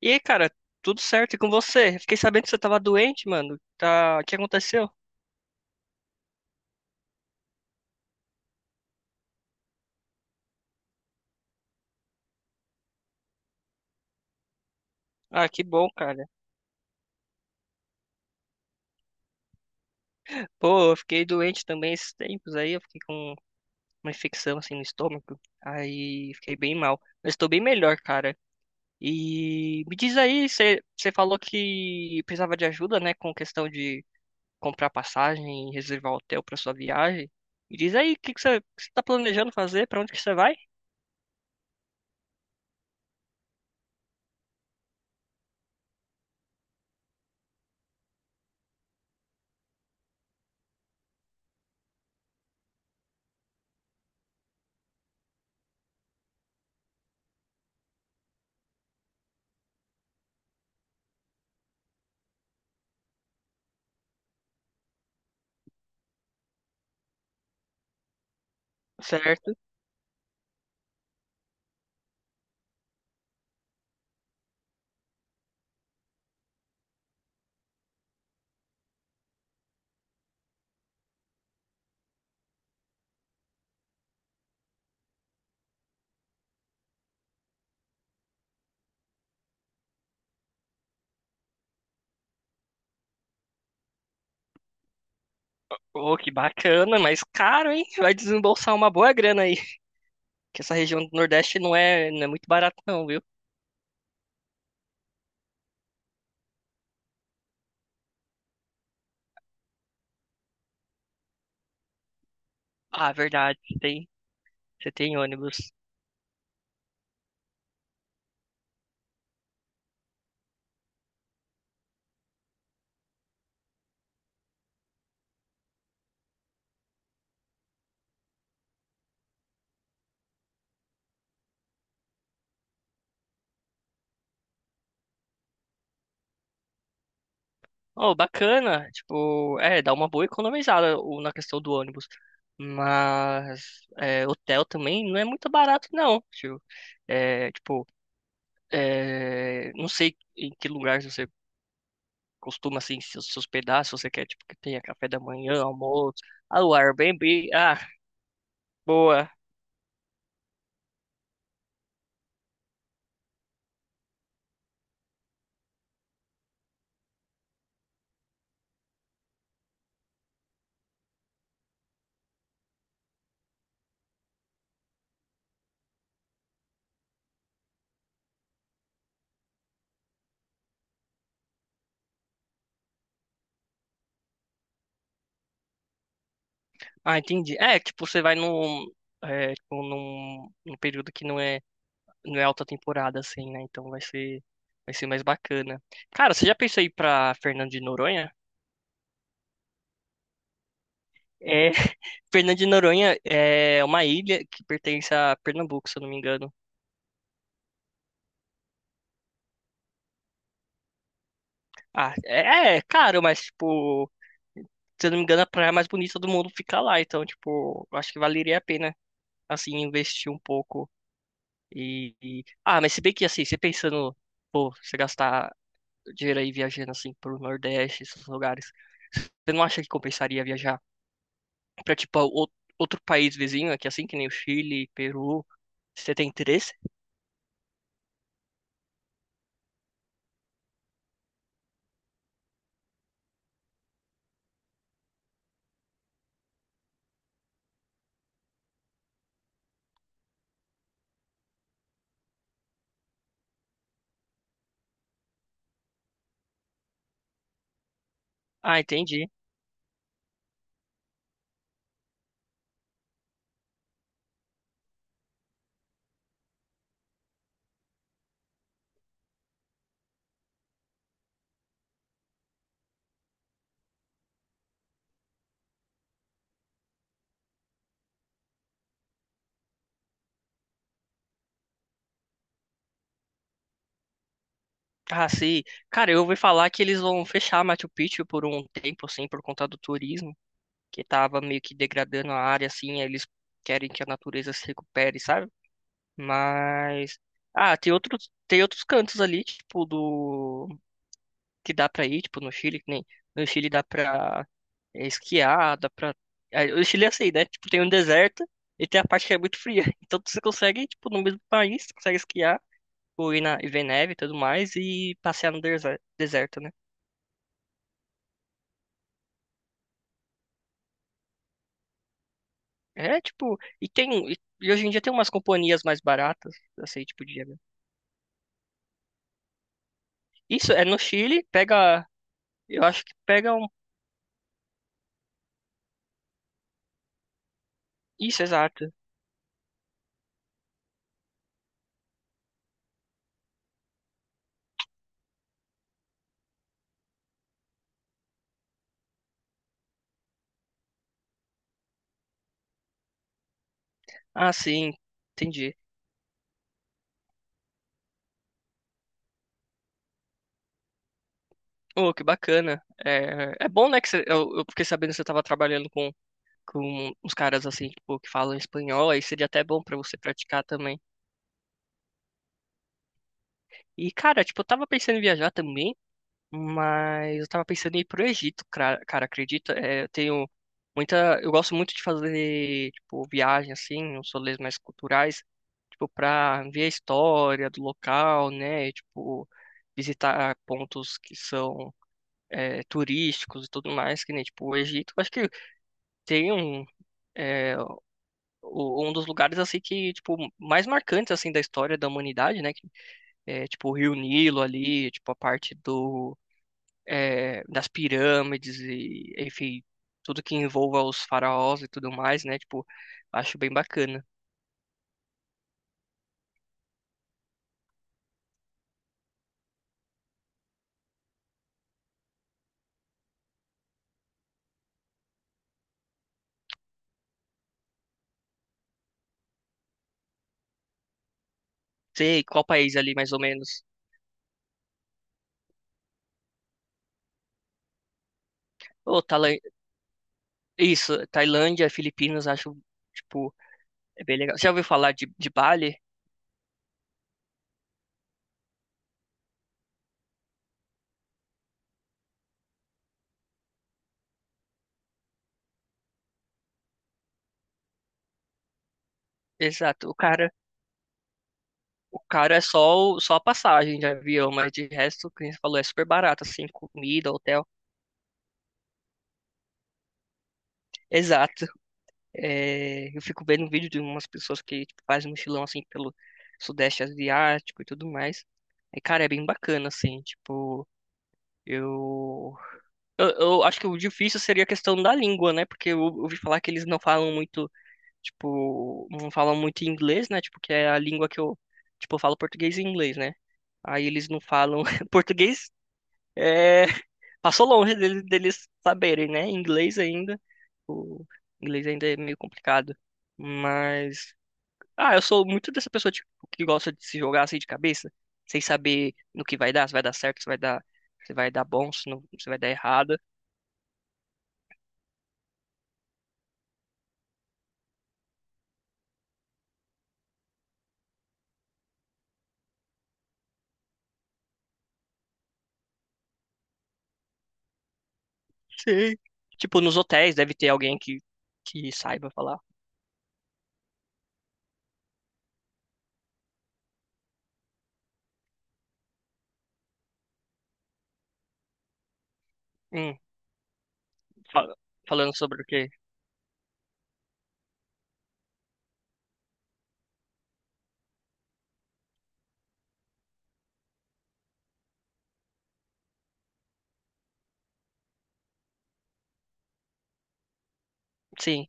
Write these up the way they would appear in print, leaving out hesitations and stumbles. E aí, cara, tudo certo e com você? Fiquei sabendo que você tava doente, mano. Tá, o que aconteceu? Ah, que bom, cara. Pô, eu fiquei doente também esses tempos aí, eu fiquei com uma infecção assim no estômago. Aí fiquei bem mal. Mas tô bem melhor, cara. E me diz aí, você falou que precisava de ajuda, né, com questão de comprar passagem e reservar hotel pra sua viagem. Me diz aí, o que você tá planejando fazer? Pra onde que você vai? Certo. Pô, que bacana, mas caro, hein? Vai desembolsar uma boa grana aí. Que essa região do Nordeste não é muito barata não, viu? Ah, verdade, você tem ônibus. Oh, bacana, tipo, é, dá uma boa economizada na questão do ônibus. Mas é, hotel também não é muito barato não, tio. É, tipo, é, não sei em que lugar você costuma assim se hospedar, se você quer tipo que tenha café da manhã, almoço, ah, o Airbnb, ah, boa. Ah, entendi. É, tipo, você vai num, é, tipo, num, num período que não é alta temporada, assim, né? Então vai ser mais bacana. Cara, você já pensou em ir pra Fernando de Noronha? É, Fernando de Noronha é uma ilha que pertence a Pernambuco, se eu não me engano. Ah, é, é caro, mas, tipo, se eu não me engano, a praia mais bonita do mundo fica lá. Então, tipo, eu acho que valeria a pena, assim, investir um pouco. Ah, mas se bem que, assim, você pensando, pô, você gastar dinheiro aí viajando, assim, pro Nordeste, esses lugares, você não acha que compensaria viajar pra tipo outro país vizinho aqui, assim, que nem o Chile, Peru. Você tem interesse? Ah, entendi. Ah, sim. Cara, eu ouvi falar que eles vão fechar Machu Picchu por um tempo, assim, por conta do turismo, que tava meio que degradando a área, assim, aí eles querem que a natureza se recupere, sabe? Mas, ah, tem outros cantos ali, tipo, do, que dá pra ir, tipo, no Chile, que nem. No Chile dá pra, é, esquiar, dá pra. Ah, o Chile é assim, né? Tipo, tem um deserto e tem a parte que é muito fria. Então você consegue, tipo, no mesmo país, você consegue esquiar, ou ir na, e ver neve e tudo mais, e passear no deserto, né? É, tipo, e tem. E hoje em dia tem umas companhias mais baratas, assim, tipo, de avião. Isso é no Chile, pega. Eu acho que pega um. Isso, exato. Ah, sim, entendi. Oh, que bacana. É, é bom, né, que você, eu fiquei sabendo que você estava trabalhando com uns caras assim, tipo, que falam espanhol, aí seria até bom pra você praticar também. E, cara, tipo, eu tava pensando em viajar também, mas eu tava pensando em ir pro Egito, cara, cara, acredita? É, eu tenho muita, eu gosto muito de fazer, tipo, viagem assim, uns rolês mais culturais, tipo, pra ver a história do local, né? E, tipo, visitar pontos que são, é, turísticos e tudo mais, que nem, tipo, o Egito, eu acho que tem um, é, um dos lugares assim que tipo mais marcantes assim da história da humanidade, né? Que é tipo o Rio Nilo ali, tipo a parte do, é, das pirâmides e enfim tudo que envolva os faraós e tudo mais, né? Tipo acho bem bacana. Sei qual país ali mais ou menos? Ô, Tailan- isso, Tailândia, Filipinas, acho tipo é bem legal. Já ouviu falar de Bali? Exato. O cara é só, só a passagem de avião, mas de resto, o que você falou, é super barato, assim, comida, hotel. Exato. É, eu fico vendo um vídeo de umas pessoas que tipo, fazem mochilão assim pelo Sudeste Asiático e tudo mais. E, cara, é bem bacana, assim, tipo, eu... eu acho que o difícil seria a questão da língua, né? Porque eu ouvi falar que eles não falam muito, tipo, não falam muito inglês, né? Tipo, que é a língua que eu, tipo, eu falo português e inglês, né? Aí eles não falam português. É, passou longe deles, deles saberem, né? Inglês ainda. O inglês ainda é meio complicado. Mas, ah, eu sou muito dessa pessoa tipo, que gosta de se jogar assim de cabeça, sem saber no que vai dar, se vai dar certo, se vai dar bom, se não, se vai dar errado. Sim. Tipo, nos hotéis deve ter alguém que saiba falar. Hum, fala- falando sobre o quê? Sim.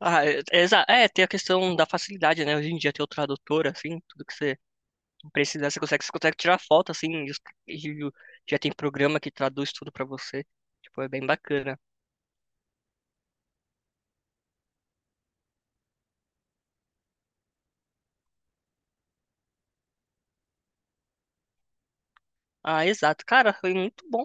Ah, é, é, é, tem a questão da facilidade, né? Hoje em dia tem o tradutor, assim, tudo que você precisa, você consegue tirar foto, assim, e o- já tem programa que traduz tudo pra você. Tipo, é bem bacana. Ah, exato. Cara, foi muito bom,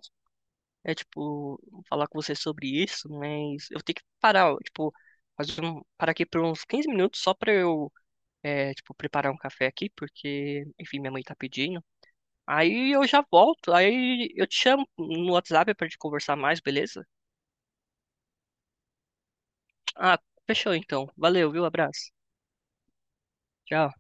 é, tipo, falar com você sobre isso, mas eu tenho que parar, ó, tipo, parar aqui por uns 15 minutos só pra eu, é, tipo, preparar um café aqui, porque, enfim, minha mãe tá pedindo. Aí eu já volto, aí eu te chamo no WhatsApp pra gente conversar mais, beleza? Ah, fechou então. Valeu, viu? Abraço. Tchau.